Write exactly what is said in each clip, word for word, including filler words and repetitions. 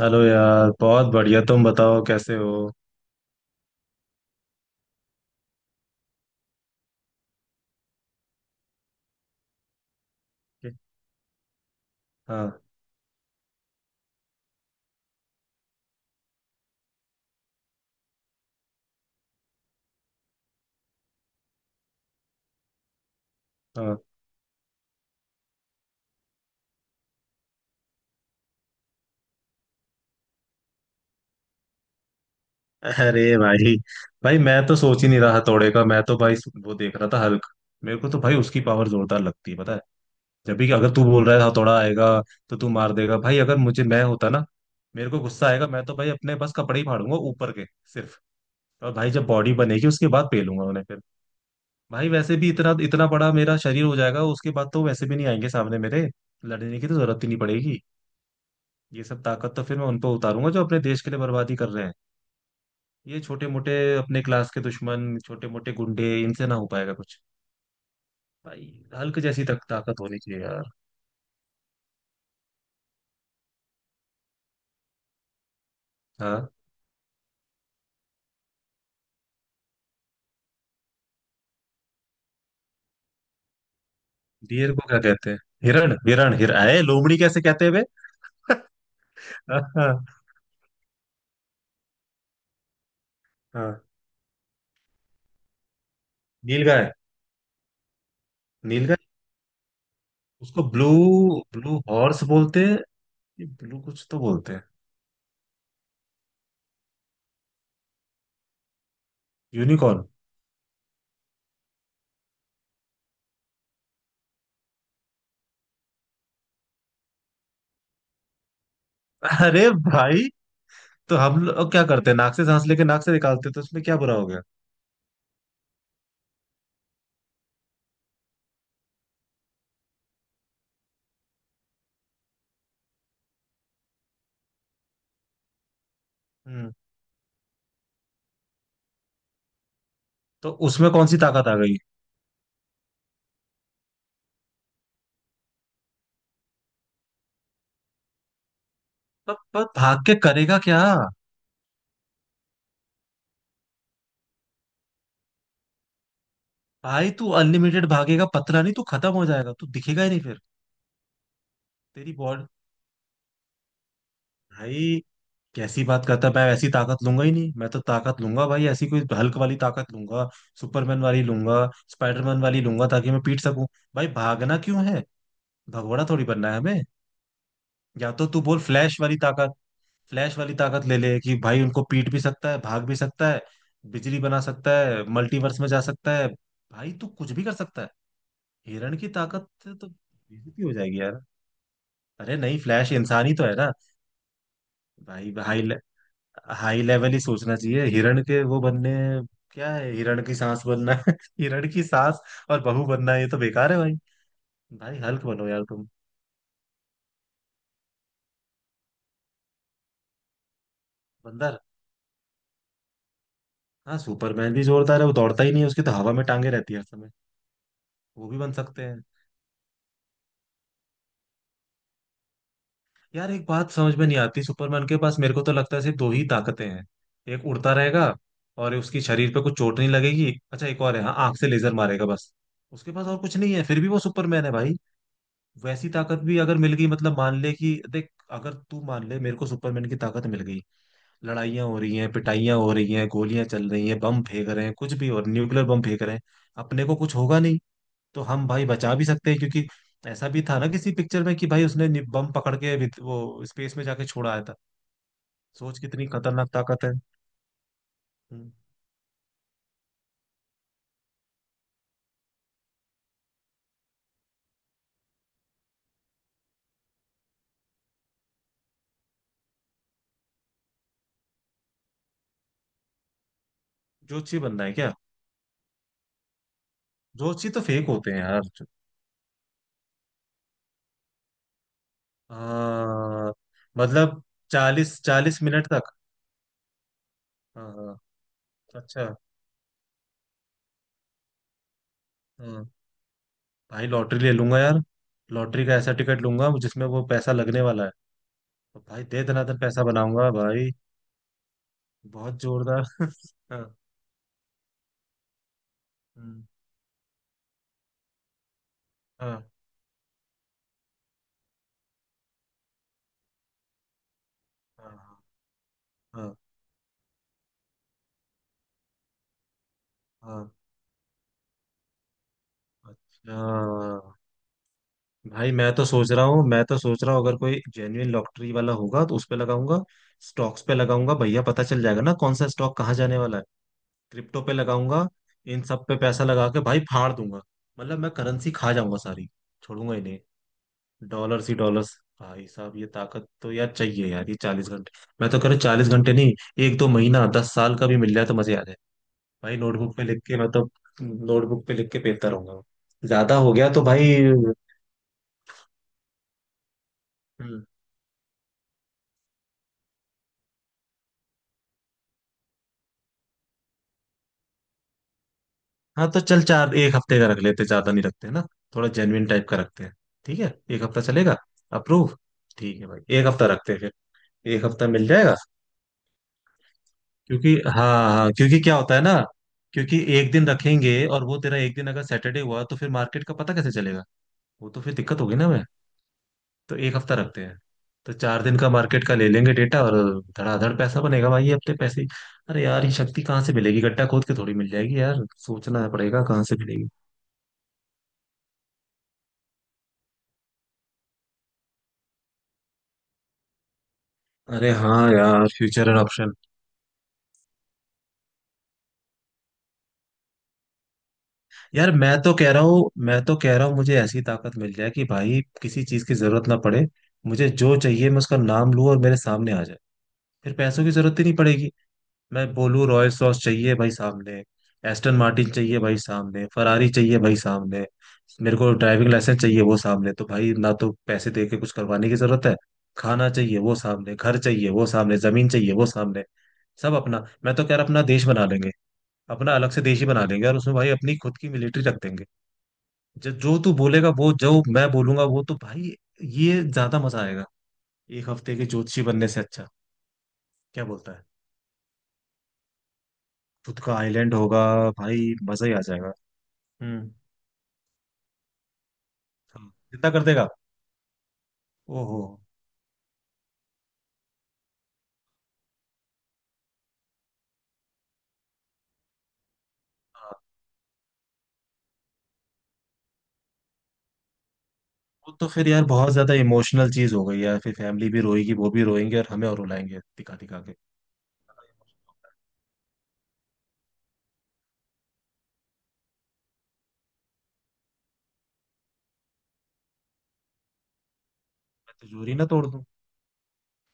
Hello यार, बहुत बढ़िया। तुम बताओ कैसे हो। हाँ। हाँ। अरे भाई, भाई मैं तो सोच ही नहीं रहा हथौड़े का, मैं तो भाई वो देख रहा था हल्क। मेरे को तो भाई उसकी पावर जोरदार लगती है, पता है। जब भी अगर तू बोल रहा है हथौड़ा आएगा तो तू मार देगा भाई, अगर मुझे मैं होता ना, मेरे को गुस्सा आएगा, मैं तो भाई अपने बस कपड़े ही फाड़ूंगा ऊपर के, सिर्फ। और भाई जब बॉडी बनेगी उसके बाद पेलूंगा उन्हें फिर। भाई वैसे भी इतना इतना बड़ा मेरा शरीर हो जाएगा उसके बाद, तो वैसे भी नहीं आएंगे सामने मेरे, लड़ने की तो जरूरत ही नहीं पड़ेगी। ये सब ताकत तो फिर मैं उन पर उतारूंगा जो अपने देश के लिए बर्बादी कर रहे हैं। ये छोटे मोटे अपने क्लास के दुश्मन, छोटे मोटे गुंडे, इनसे ना हो पाएगा कुछ। भाई हल्क जैसी तक ताकत होनी चाहिए यार। हाँ। डियर को क्या कहते हैं? हिरण, हिरण हिर आए लोमड़ी कैसे कहते हैं वे। हाँ हाँ। हाँ। नीलगाय। नीलगाय। उसको ब्लू, ब्लू हॉर्स बोलते हैं। ब्लू कुछ तो बोलते हैं। यूनिकॉर्न। अरे भाई, तो हम लोग क्या करते हैं, नाक से सांस लेके नाक से निकालते हैं, तो उसमें क्या बुरा हो गया। हम्म। तो उसमें कौन सी ताकत आ गई। पर, पर भाग के करेगा क्या। भाई तू अनलिमिटेड भागेगा, पतला नहीं, तू खत्म हो जाएगा, तू दिखेगा ही नहीं फिर। तेरी बॉडी। भाई कैसी बात करता है, मैं ऐसी ताकत लूंगा ही नहीं। मैं तो ताकत लूंगा भाई ऐसी, कोई हल्क वाली ताकत लूंगा, सुपरमैन वाली लूंगा, स्पाइडरमैन वाली लूंगा, ताकि मैं पीट सकूं। भाई भागना क्यों है, भगोड़ा थोड़ी बनना है हमें। या तो तू बोल फ्लैश वाली ताकत। फ्लैश वाली ताकत ले ले कि भाई उनको पीट भी सकता है, भाग भी सकता है, बिजली बना सकता है, मल्टीवर्स में जा सकता है, भाई तू कुछ भी कर सकता है। हिरण की ताकत से तो बेइज्जती हो जाएगी यार। अरे नहीं, फ्लैश इंसान ही तो है ना। भाई हाई ले, हाई लेवल ही सोचना चाहिए, हिरण के वो बनने क्या है। हिरण की सांस बनना हिरण की सांस और बहू बनना, ये तो बेकार है भाई। भाई हल्क बनो यार तुम। बंदर। हाँ सुपरमैन भी जोरदार है, वो दौड़ता ही नहीं है, उसकी तो हवा में टांगे रहती है हर समय। वो भी बन सकते हैं। यार एक बात समझ में नहीं आती, सुपरमैन के पास मेरे को तो लगता है सिर्फ दो ही ताकतें हैं। एक उड़ता रहेगा और उसकी शरीर पे कुछ चोट नहीं लगेगी। अच्छा एक और है, हाँ, आंख से लेजर मारेगा, बस। उसके पास और कुछ नहीं है, फिर भी वो सुपरमैन है भाई। वैसी ताकत भी अगर मिल गई, मतलब मान ले कि देख, अगर तू मान ले मेरे को सुपरमैन की ताकत मिल गई, लड़ाइयाँ हो रही हैं, पिटाइयाँ हो रही हैं, गोलियां चल रही हैं, बम फेंक रहे हैं कुछ भी, और न्यूक्लियर बम फेंक रहे हैं, अपने को कुछ होगा नहीं। तो हम भाई बचा भी सकते हैं, क्योंकि ऐसा भी था ना किसी पिक्चर में कि भाई उसने नि- बम पकड़ के विद- वो स्पेस में जाके छोड़ आया था। सोच कितनी खतरनाक ताकत है। हम्म। जोशी बनना है क्या? जोशी तो फेक होते हैं यार। आ, मतलब चालीस चालीस मिनट तक। हाँ हाँ, अच्छा। हाँ भाई लॉटरी ले लूंगा यार। लॉटरी का ऐसा टिकट लूंगा जिसमें वो पैसा लगने वाला है, तो भाई दे दनादन पैसा बनाऊंगा भाई। बहुत जोरदार। हाँ। हम्म। हाँ हाँ हाँ हाँ हाँ। अच्छा। भाई मैं तो सोच रहा हूँ, मैं तो सोच रहा हूँ अगर कोई जेन्युइन लॉटरी वाला होगा तो उस पे लगाऊंगा, स्टॉक्स पे लगाऊंगा भैया, पता चल जाएगा ना कौन सा स्टॉक कहाँ जाने वाला है, क्रिप्टो पे लगाऊंगा, इन सब पे पैसा लगा के भाई फाड़ दूंगा। मतलब मैं करेंसी खा जाऊंगा सारी, छोड़ूंगा ही नहीं। डॉलर्स ही डॉलर्स। भाई साहब ये ताकत तो यार चाहिए यार, ये चालीस घंटे। मैं तो कह रहा हूँ चालीस घंटे नहीं, एक दो महीना, दस साल का भी मिल जाए तो मजे आ जाए। भाई नोटबुक पे लिख के मैं तो, नोटबुक पे लिख के पेलता रहूंगा, ज्यादा हो गया तो भाई। हम्म। हाँ तो चल, चार एक हफ्ते का रख लेते, ज्यादा नहीं रखते ना, थोड़ा जेन्युइन टाइप का रखते हैं, ठीक है। एक हफ्ता चलेगा। अप्रूव। ठीक है भाई एक हफ्ता रखते हैं फिर। एक हफ्ता मिल जाएगा क्योंकि, हाँ हाँ, क्योंकि क्या होता है ना, क्योंकि एक दिन रखेंगे और वो तेरा एक दिन अगर सैटरडे हुआ तो फिर मार्केट का पता कैसे चलेगा, वो तो फिर दिक्कत होगी ना मैं। तो एक हफ्ता रखते हैं, तो चार दिन का मार्केट का ले लेंगे डेटा, और धड़ाधड़ पैसा बनेगा भाई ये अपने पैसे ही। अरे यार ये शक्ति कहाँ से मिलेगी, गड्ढा खोद के थोड़ी मिल जाएगी यार, सोचना पड़ेगा कहाँ से मिलेगी। अरे हाँ यार फ्यूचर एंड ऑप्शन। यार मैं तो कह रहा हूँ, मैं तो कह रहा हूँ मुझे ऐसी ताकत मिल जाए कि भाई किसी चीज की जरूरत ना पड़े। मुझे जो चाहिए मैं उसका नाम लूँ और मेरे सामने आ जाए, फिर पैसों की जरूरत ही नहीं पड़ेगी। मैं बोलूँ रॉयल सॉस चाहिए भाई सामने, एस्टन मार्टिन चाहिए भाई सामने, फरारी चाहिए भाई सामने, मेरे को ड्राइविंग लाइसेंस चाहिए वो सामने, तो भाई ना तो पैसे दे के कुछ करवाने की जरूरत है, खाना चाहिए वो सामने, घर चाहिए वो सामने, जमीन चाहिए वो सामने, सब अपना। मैं तो कह रहा अपना देश बना लेंगे, अपना अलग से देश ही बना लेंगे, और उसमें भाई अपनी खुद की मिलिट्री रख देंगे, जब जो तू बोलेगा वो, जो मैं बोलूंगा वो, तो भाई ये ज्यादा मजा आएगा, एक हफ्ते के ज्योतिषी बनने से अच्छा, क्या बोलता है। खुद का आइलैंड होगा भाई, मजा ही आ जाएगा। हम्म। हाँ, जितना कर देगा। ओहो। हाँ, वो तो फिर यार बहुत ज्यादा इमोशनल चीज हो गई यार, फिर फैमिली भी रोएगी, वो भी रोएंगे और हमें और रुलाएंगे दिखा दिखा के। मैं तिजोरी ना तोड़ दूं।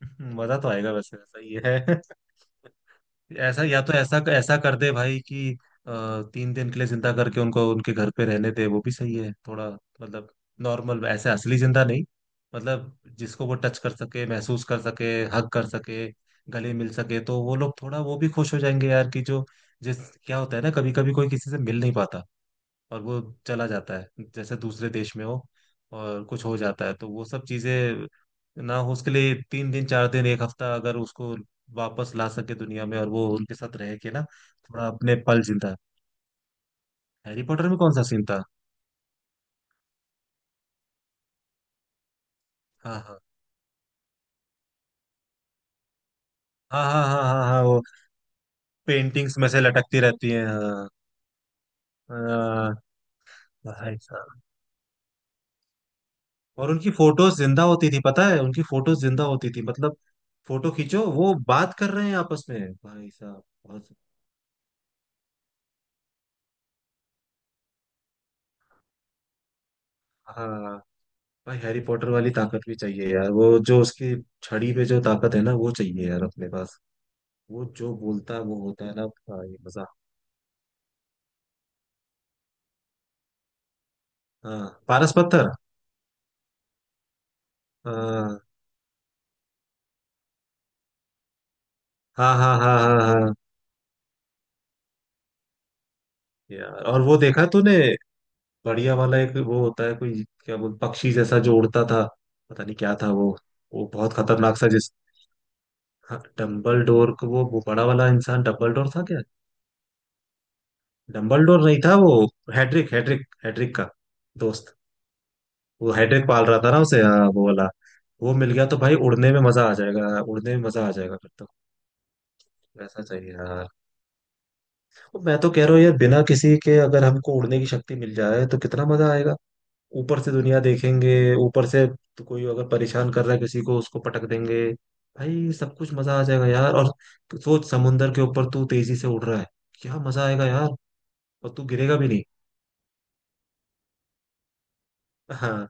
मजा तो आएगा, वैसे वैसा ही है। ऐसा, या तो ऐसा ऐसा कर दे भाई कि अ, तीन दिन के लिए जिंदा करके उनको उनके घर पे रहने दे, वो भी सही है थोड़ा। मतलब नॉर्मल ऐसे असली जिंदा नहीं, मतलब जिसको वो टच कर सके, महसूस कर सके, हग कर सके, गले मिल सके, तो वो लोग थोड़ा वो भी खुश हो जाएंगे यार, कि जो, जिस, क्या होता है ना, कभी कभी कोई किसी से मिल नहीं पाता और वो चला जाता है, जैसे दूसरे देश में हो और कुछ हो जाता है, तो वो सब चीजें ना हो, उसके लिए तीन दिन, चार दिन, एक हफ्ता अगर उसको वापस ला सके दुनिया में, और वो उनके साथ रह के ना थोड़ा अपने पल जिंदा। हैरी पॉटर में कौन सा सीन था। हाँ हाँ हाँ हाँ हाँ हाँ हाँ, वो पेंटिंग्स में से लटकती रहती हैं, हाँ। हाँ, भाई साहब। और उनकी फोटोज जिंदा होती थी, पता है, उनकी फोटोज जिंदा होती थी मतलब, फोटो खींचो वो बात कर रहे हैं आपस में, भाई साहब बहुत। हाँ भाई, हैरी पॉटर वाली ताकत भी चाहिए यार, वो जो उसकी छड़ी पे जो ताकत है ना, वो चाहिए यार अपने पास। वो जो बोलता है वो होता है ना, हाँ, ये मजा। हाँ पारस पत्थर। हाँ हाँ हाँ हाँ हाँ हाँ। यार और वो देखा तूने बढ़िया वाला, एक वो होता है कोई, क्या बोल, पक्षी जैसा जो उड़ता था, पता नहीं क्या था वो वो बहुत खतरनाक सा जिस, हाँ, डम्बल डोर को, वो, वो बड़ा वाला इंसान डम्बल डोर था क्या? डम्बल डोर नहीं था वो। हैड्रिक हैड्रिक हैड्रिक का दोस्त। वो हेडेक पाल रहा था ना उसे, हाँ वो वाला। वो मिल गया तो भाई उड़ने में मजा आ जाएगा, उड़ने में मजा आ जाएगा फिर तो। ऐसा चाहिए यार। तो मैं तो कह रहा हूँ यार बिना किसी के अगर हमको उड़ने की शक्ति मिल जाए तो कितना मजा आएगा, ऊपर से दुनिया देखेंगे ऊपर से, तो कोई अगर परेशान कर रहा है किसी को उसको पटक देंगे, भाई सब कुछ मजा आ जाएगा यार। और सोच, समुंदर के ऊपर तू तेजी से उड़ रहा है, क्या मजा आएगा यार, और तू गिरेगा भी नहीं। हाँ।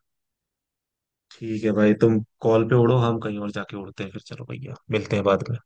ठीक है भाई, तुम कॉल पे उड़ो, हम कहीं और जाके उड़ते हैं फिर। चलो भैया मिलते हैं बाद में।